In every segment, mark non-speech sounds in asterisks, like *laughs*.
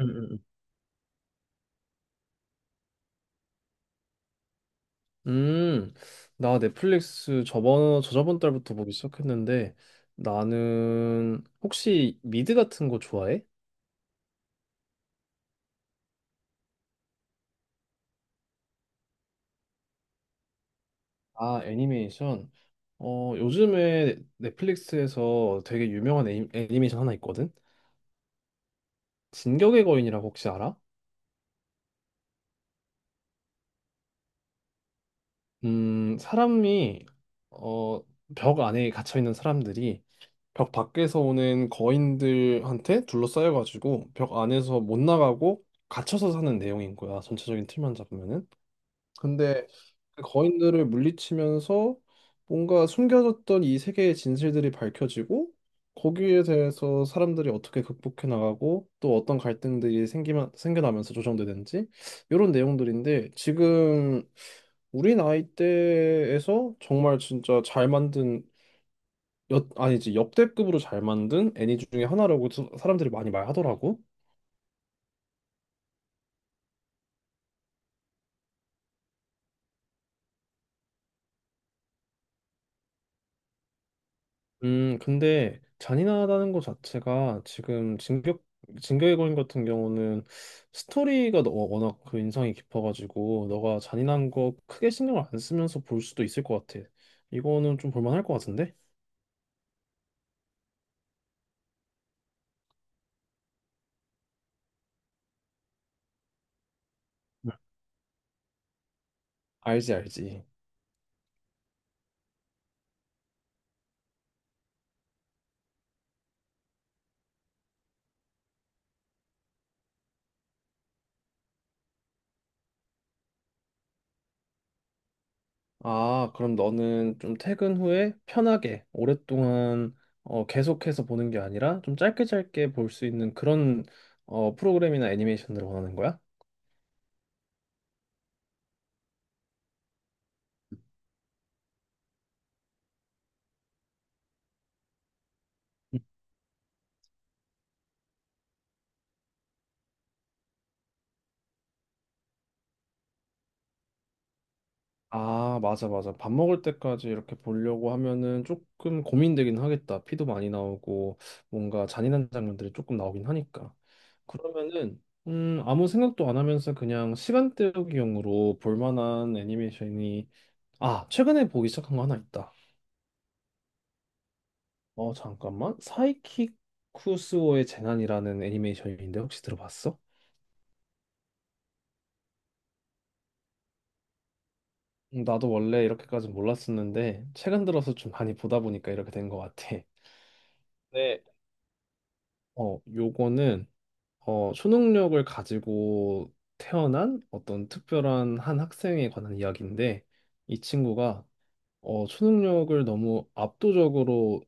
음, 음, 음. 음, 나 넷플릭스 저번 저저번 달부터 보기 시작했는데 나는 혹시 미드 같은 거 좋아해? 아, 애니메이션. 요즘에 넷플릭스에서 되게 유명한 애니메이션 하나 있거든. 진격의 거인이라고 혹시 알아? 사람이 어, 벽 안에 갇혀 있는 사람들이 벽 밖에서 오는 거인들한테 둘러싸여 가지고 벽 안에서 못 나가고 갇혀서 사는 내용인 거야. 전체적인 틀만 잡으면은. 근데 그 거인들을 물리치면서 뭔가 숨겨졌던 이 세계의 진실들이 밝혀지고 거기에 대해서 사람들이 어떻게 극복해 나가고 또 어떤 갈등들이 생기면 생겨나면서 조정되는지 이런 내용들인데 지금 우리 나이대에서 정말 진짜 잘 만든 역 아니지, 역대급으로 잘 만든 애니 중에 하나라고 사람들이 많이 말하더라고. 근데 잔인하다는 것 자체가 지금 진격의 거인 같은 경우는 스토리가 워낙 그 인상이 깊어가지고 너가 잔인한 거 크게 신경을 안 쓰면서 볼 수도 있을 것 같아. 이거는 좀 볼만할 것 같은데? 응. 알지, 알지. 아, 그럼 너는 좀 퇴근 후에 편하게 오랫동안 계속해서 보는 게 아니라 좀 짧게 짧게 볼 수 있는 그런 프로그램이나 애니메이션들을 원하는 거야? 아, 맞아, 맞아. 밥 먹을 때까지 이렇게 보려고 하면은 조금 고민되긴 하겠다. 피도 많이 나오고, 뭔가 잔인한 장면들이 조금 나오긴 하니까. 그러면은, 아무 생각도 안 하면서 그냥 시간 때우기용으로 볼 만한 애니메이션이, 아, 최근에 보기 시작한 거 하나 있다. 어, 잠깐만. 사이키쿠스오의 재난이라는 애니메이션인데 혹시 들어봤어? 나도 원래 이렇게까지 몰랐었는데, 최근 들어서 좀 많이 보다 보니까 이렇게 된 것 같아. 네. 어, 요거는 초능력을 가지고 태어난 어떤 특별한 한 학생에 관한 이야기인데 이 친구가 초능력을 너무 압도적으로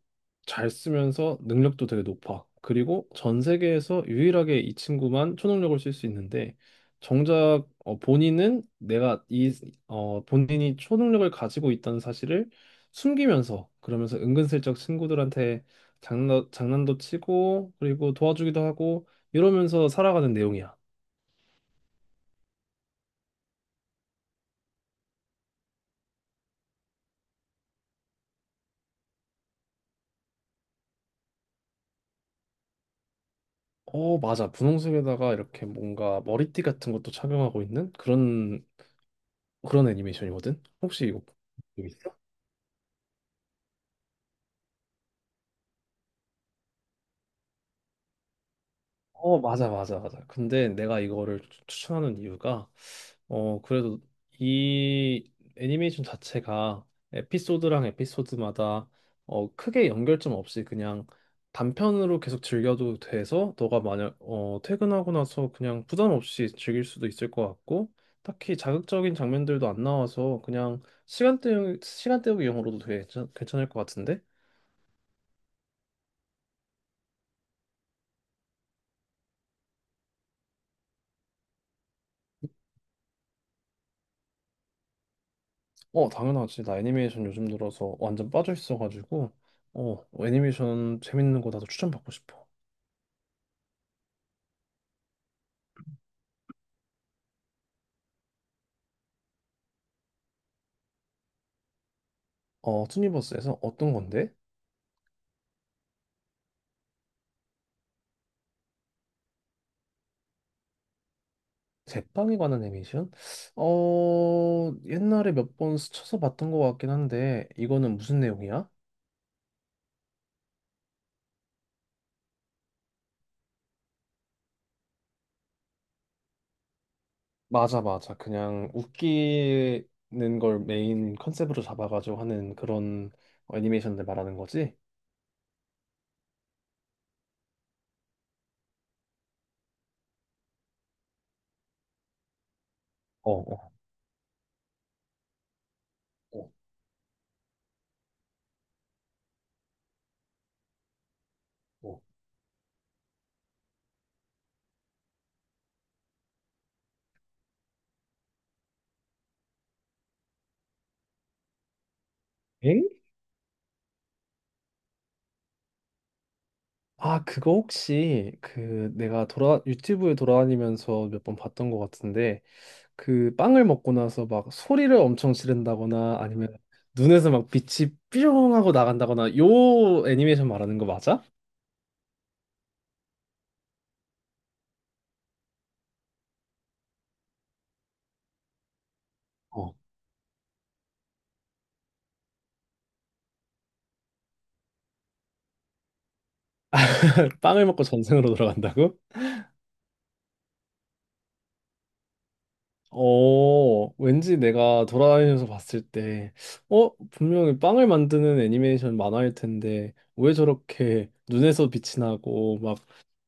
잘 쓰면서 능력도 되게 높아. 그리고 전 세계에서 유일하게 이 친구만 초능력을 쓸 수 있는데, 정작 어, 본인은 내가 이, 어, 본인이 초능력을 가지고 있다는 사실을 숨기면서, 그러면서 은근슬쩍 친구들한테 장난도 치고, 그리고 도와주기도 하고, 이러면서 살아가는 내용이야. 어, 맞아. 분홍색에다가 이렇게 뭔가 머리띠 같은 것도 착용하고 있는 그런 애니메이션이거든? 혹시 이거 본 적 있어? 어, 맞아, 맞아, 맞아. 근데 내가 이거를 추천하는 이유가, 어, 그래도 이 애니메이션 자체가 에피소드랑 에피소드마다 크게 연결점 없이 그냥 단편으로 계속 즐겨도 돼서 너가 만약 퇴근하고 나서 그냥 부담 없이 즐길 수도 있을 것 같고, 딱히 자극적인 장면들도 안 나와서 그냥 시간 때우기용으로도 되 괜찮을 것 같은데? 어, 당연하지. 나 애니메이션 요즘 들어서 완전 빠져 있어가지고, 어, 애니메이션 재밌는 거 나도 추천받고 싶어. 어, 투니버스에서 어떤 건데? 제빵에 관한 애니메이션? 어, 옛날에 몇 번 스쳐서 봤던 것 같긴 한데, 이거는 무슨 내용이야? 맞아, 맞아. 그냥 웃기는 걸 메인 컨셉으로 잡아가지고 하는 그런 애니메이션들 말하는 거지? 어, 어, 어, 어. 엥? 아, 그거 혹시 그 내가 돌아 유튜브에 돌아다니면서 몇 번 봤던 것 같은데 그 빵을 먹고 나서 막 소리를 엄청 지른다거나 아니면 눈에서 막 빛이 삐용 하고 나간다거나 요 애니메이션 말하는 거 맞아? 어. *laughs* 빵을 먹고 전생으로 돌아간다고? 어, 왠지 내가 돌아다니면서 봤을 때, 어, 분명히 빵을 만드는 애니메이션 만화일 텐데, 왜 저렇게 눈에서 빛이 나고, 막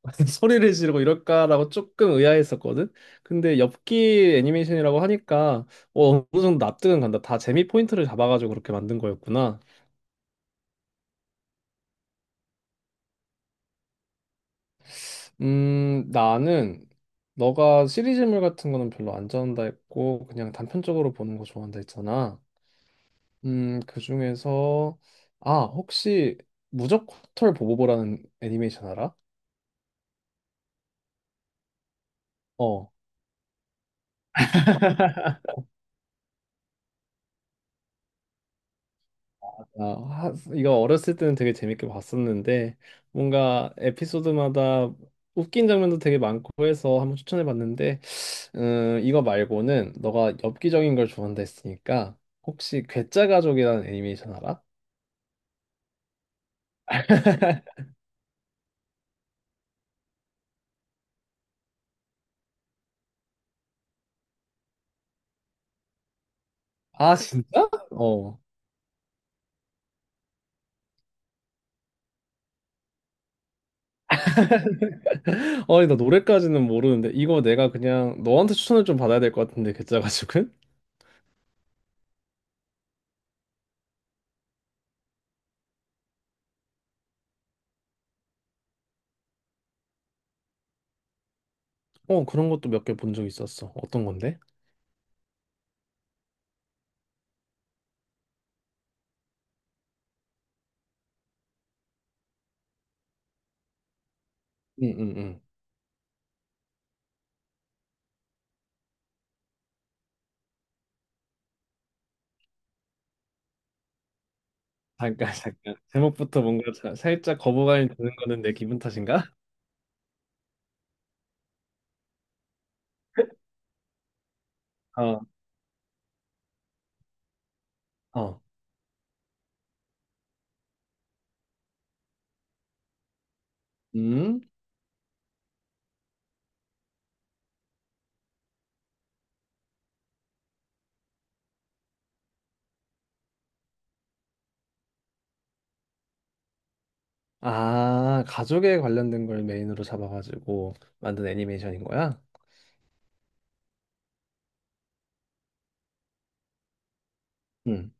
*laughs* 소리를 지르고 이럴까라고 조금 의아했었거든. 근데 엽기 애니메이션이라고 하니까 어, 어느 정도 납득은 간다. 다 재미 포인트를 잡아가지고 그렇게 만든 거였구나. 나는 너가 시리즈물 같은 거는 별로 안 좋아한다 했고 그냥 단편적으로 보는 거 좋아한다 했잖아. 그중에서 아, 혹시 무적호털 보보보라는 애니메이션 알아? 어. 아, 이거 어렸을 때는 되게 재밌게 봤었는데 뭔가 에피소드마다 웃긴 장면도 되게 많고 해서 한번 추천해 봤는데 이거 말고는 너가 엽기적인 걸 좋아한다 했으니까 혹시 괴짜 가족이라는 애니메이션 알아? 아, 진짜? 어. *laughs* 아니, 나 노래까지는 모르는데 이거 내가 그냥 너한테 추천을 좀 받아야 될 것 같은데 괴짜 가족은? 어, 그런 것도 몇 개 본 적 있었어. 어떤 건데? 응, 응, 응. 잠깐, 잠깐. 제목부터 뭔가 살짝 거부감이 드는 거는 내 기분 탓인가? 어, 어, 음? 아, 가족에 관련된 걸 메인으로 잡아가지고 만든 애니메이션인 거야? 응.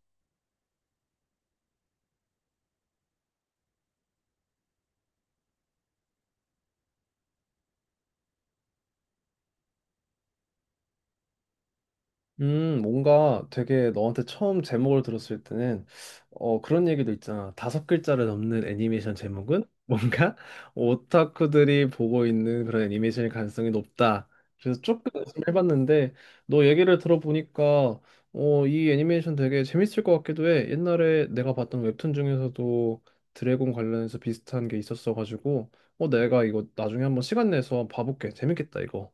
뭔가 되게 너한테 처음 제목을 들었을 때는 어, 그런 얘기도 있잖아. 다섯 글자를 넘는 애니메이션 제목은 뭔가 *laughs* 오타쿠들이 보고 있는 그런 애니메이션일 가능성이 높다. 그래서 조금 의심을 해봤는데 너 얘기를 들어보니까 어, 이 애니메이션 되게 재밌을 것 같기도 해. 옛날에 내가 봤던 웹툰 중에서도 드래곤 관련해서 비슷한 게 있었어가지고 어, 내가 이거 나중에 한번 시간 내서 봐볼게. 재밌겠다, 이거.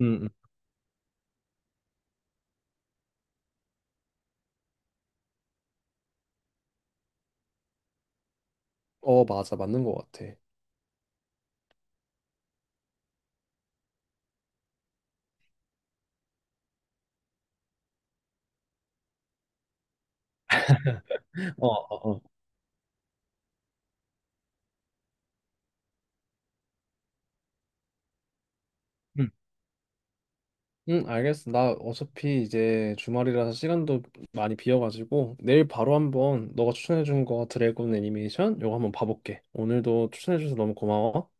음, 음. 어, 맞아. 맞는 것 같아. 어, 어, 어. 응, 응, 알겠어. 나 어차피 이제 주말이라서 시간도 많이 비어가지고 내일 바로 한번 너가 추천해준 거 드래곤 애니메이션 요거 한번 봐볼게. 오늘도 추천해줘서 너무 고마워.